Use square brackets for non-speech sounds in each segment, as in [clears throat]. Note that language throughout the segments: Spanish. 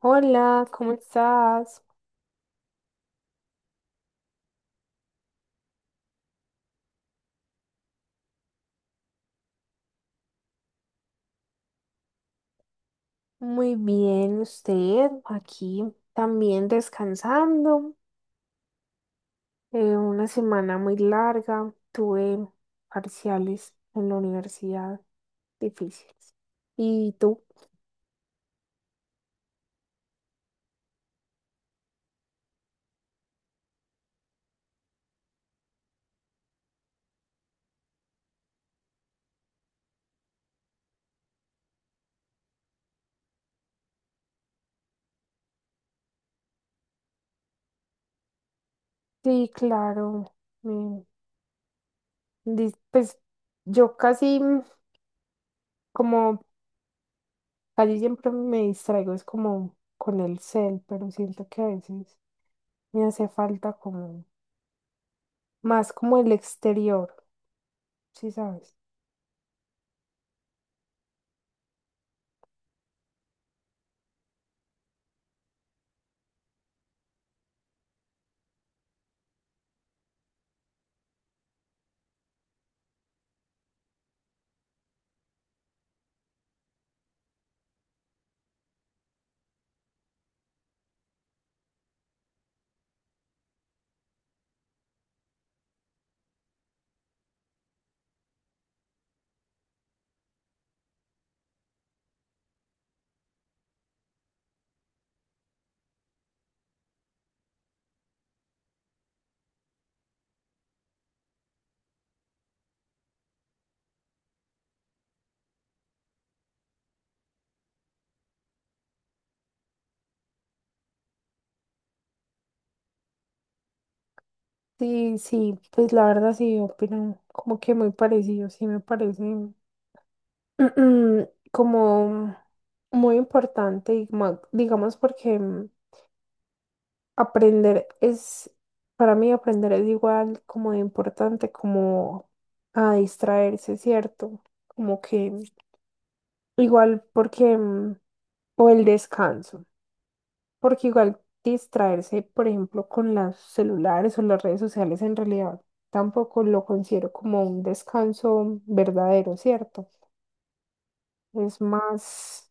Hola, ¿cómo estás? Muy bien, usted aquí también descansando. Una semana muy larga, tuve parciales en la universidad difíciles. ¿Y tú? Sí, claro. mm, pues yo casi, como casi siempre me distraigo, es como con el cel, pero siento que a veces me hace falta como más como el exterior, ¿sí sabes? Sí, sí, pues la verdad sí, opinan como que muy parecido, sí me parece [clears throat] como muy importante y digamos porque, aprender es, para mí aprender es igual como de importante como a distraerse, ¿cierto? Como que igual porque, o el descanso. Porque igual distraerse, por ejemplo, con los celulares o las redes sociales, en realidad tampoco lo considero como un descanso verdadero, ¿cierto? Es más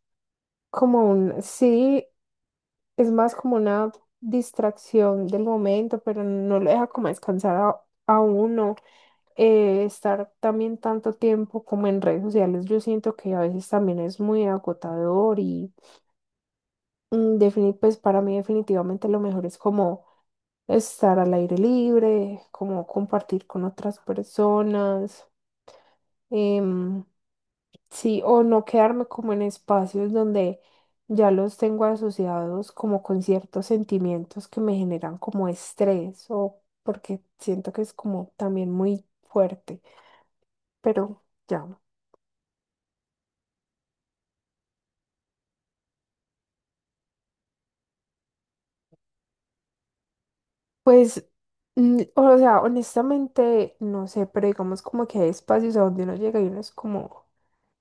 como un, sí, es más como una distracción del momento, pero no lo deja como descansar a uno. Estar también tanto tiempo como en redes sociales, yo siento que a veces también es muy agotador y, pues para mí definitivamente lo mejor es como estar al aire libre, como compartir con otras personas. em, Sí, o no quedarme como en espacios donde ya los tengo asociados como con ciertos sentimientos que me generan como estrés o porque siento que es como también muy fuerte, pero ya. Pues, o sea, honestamente, no sé, pero digamos como que hay espacios a donde uno llega y uno es como,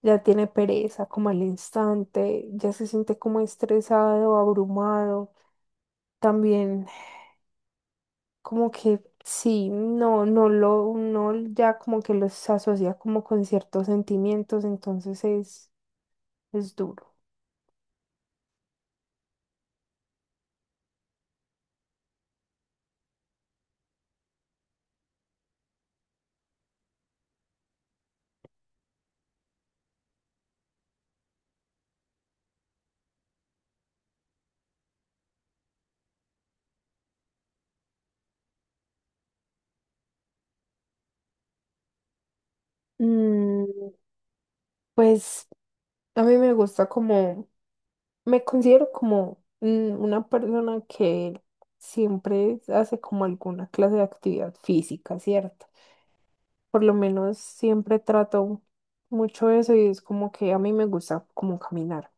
ya tiene pereza, como al instante, ya se siente como estresado, abrumado. También como que sí, no, no lo, uno ya como que los asocia como con ciertos sentimientos, entonces es duro. Mm, pues a mí me gusta como, me considero como, una persona que siempre hace como alguna clase de actividad física, ¿cierto? Por lo menos siempre trato mucho eso y es como que a mí me gusta como caminar.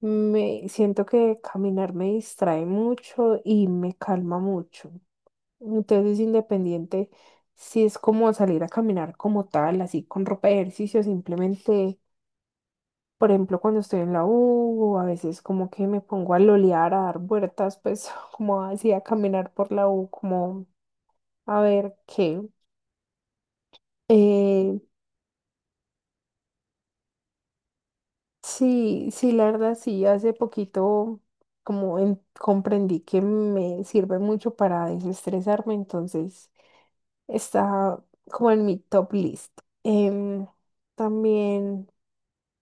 Me siento que caminar me distrae mucho y me calma mucho. Entonces, independiente si es como salir a caminar como tal, así con ropa de ejercicio, simplemente por ejemplo, cuando estoy en la U, a veces como que me pongo a lolear, a dar vueltas, pues [laughs] como así a caminar por la U, como a ver qué. Eh, sí, sí, la verdad, sí, hace poquito como comprendí que me sirve mucho para desestresarme, entonces está como en mi top list. Em, También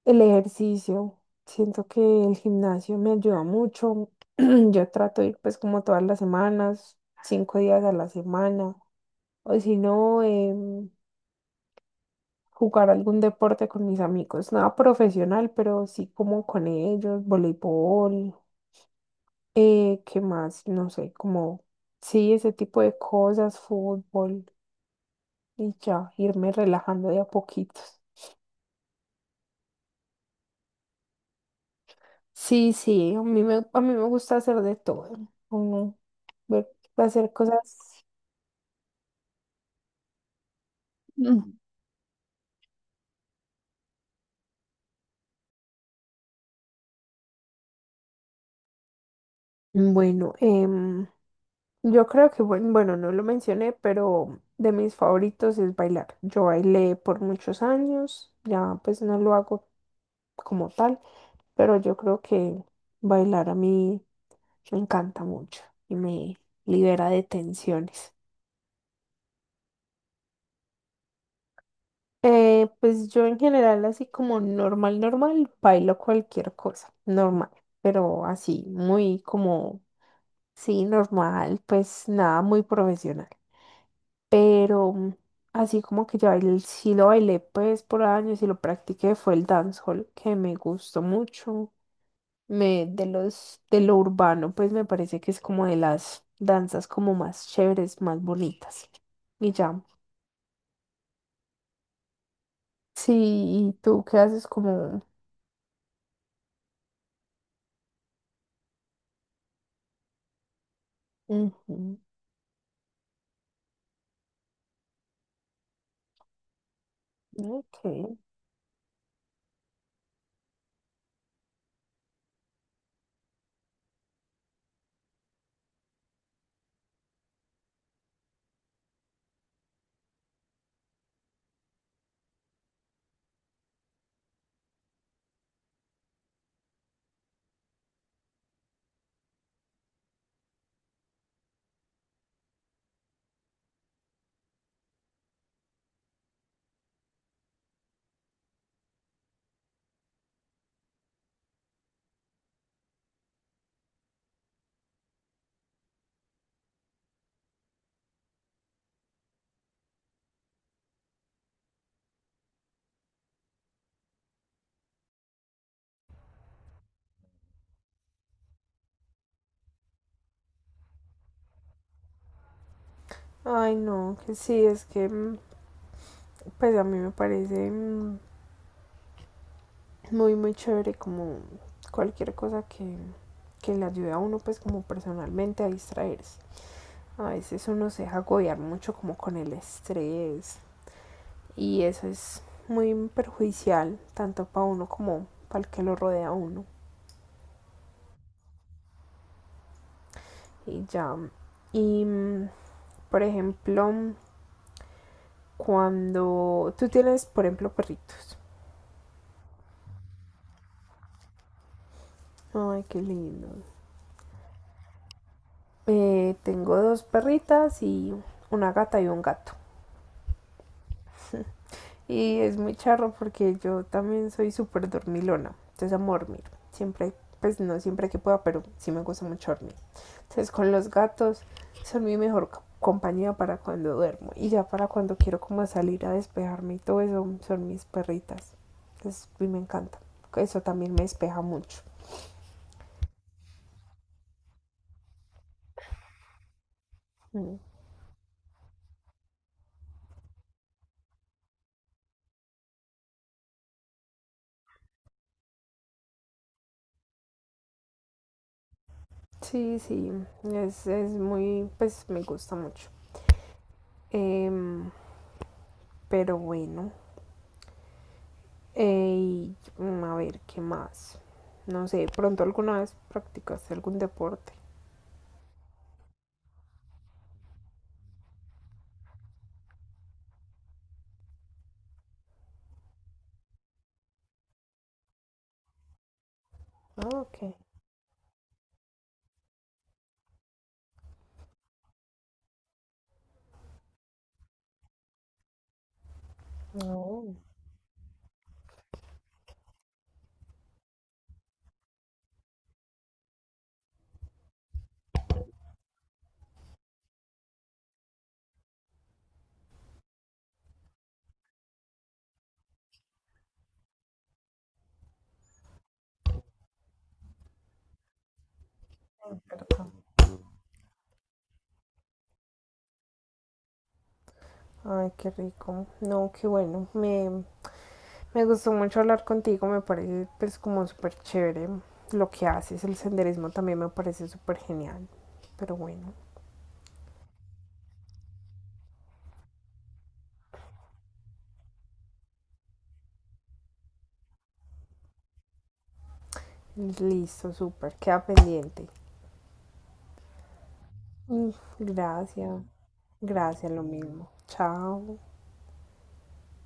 el ejercicio, siento que el gimnasio me ayuda mucho. [clears throat] Yo trato de ir pues como todas las semanas, cinco días a la semana, o si no, jugar algún deporte con mis amigos, nada profesional, pero sí como con ellos, voleibol, ¿qué más? No sé, como sí, ese tipo de cosas, fútbol y ya, irme relajando de a poquitos. Sí, sí, a mí me gusta hacer de todo. Uno, ver- hacer cosas. Mm. Bueno, yo creo que, bueno, no lo mencioné, pero de mis favoritos es bailar. Yo bailé por muchos años, ya pues no lo hago como tal, pero yo creo que bailar a mí me encanta mucho y me libera de tensiones. Pues yo en general así como normal, normal, bailo cualquier cosa, normal, pero así, muy como, sí, normal, pues nada, muy profesional. Pero, así como que yo bailé, sí lo bailé pues por años y lo practiqué, fue el dancehall que me gustó mucho. De los, de lo urbano, pues me parece que es como de las danzas como más chéveres, más bonitas. Y ya, sí, ¿y tú qué haces como... Ujú. Ok. Ay, no, que sí, es que, pues a mí me parece, muy, muy chévere como cualquier cosa que le ayude a uno pues como personalmente a distraerse. A veces uno se deja agobiar mucho como con el estrés y eso es muy perjudicial tanto para uno como para el que lo rodea a uno. Y ya, y mm, por ejemplo, cuando tú tienes, por ejemplo, perritos. Ay, qué lindo. Tengo dos perritas y una gata y un gato. Y es muy charro porque yo también soy súper dormilona. Entonces amo dormir. Siempre, pues no siempre que pueda, pero sí me gusta mucho dormir. Entonces con los gatos son mi mejor compañía para cuando duermo. Y ya para cuando quiero como salir a despejarme y todo eso son mis perritas. Entonces y me encanta. Eso también me despeja mucho. Mm. Sí, sí. Es muy, pues me gusta mucho. Em, Pero bueno, a ver, ¿qué más? No sé, pronto alguna vez practicaste algún deporte. Ah, ok. No, es verdad. Ay, qué rico. No, qué bueno. Me gustó mucho hablar contigo. Me parece pues como súper chévere lo que haces. El senderismo también me parece súper genial. Pero bueno, listo, súper. Queda pendiente. Mm, gracias. Gracias, lo mismo. Chao.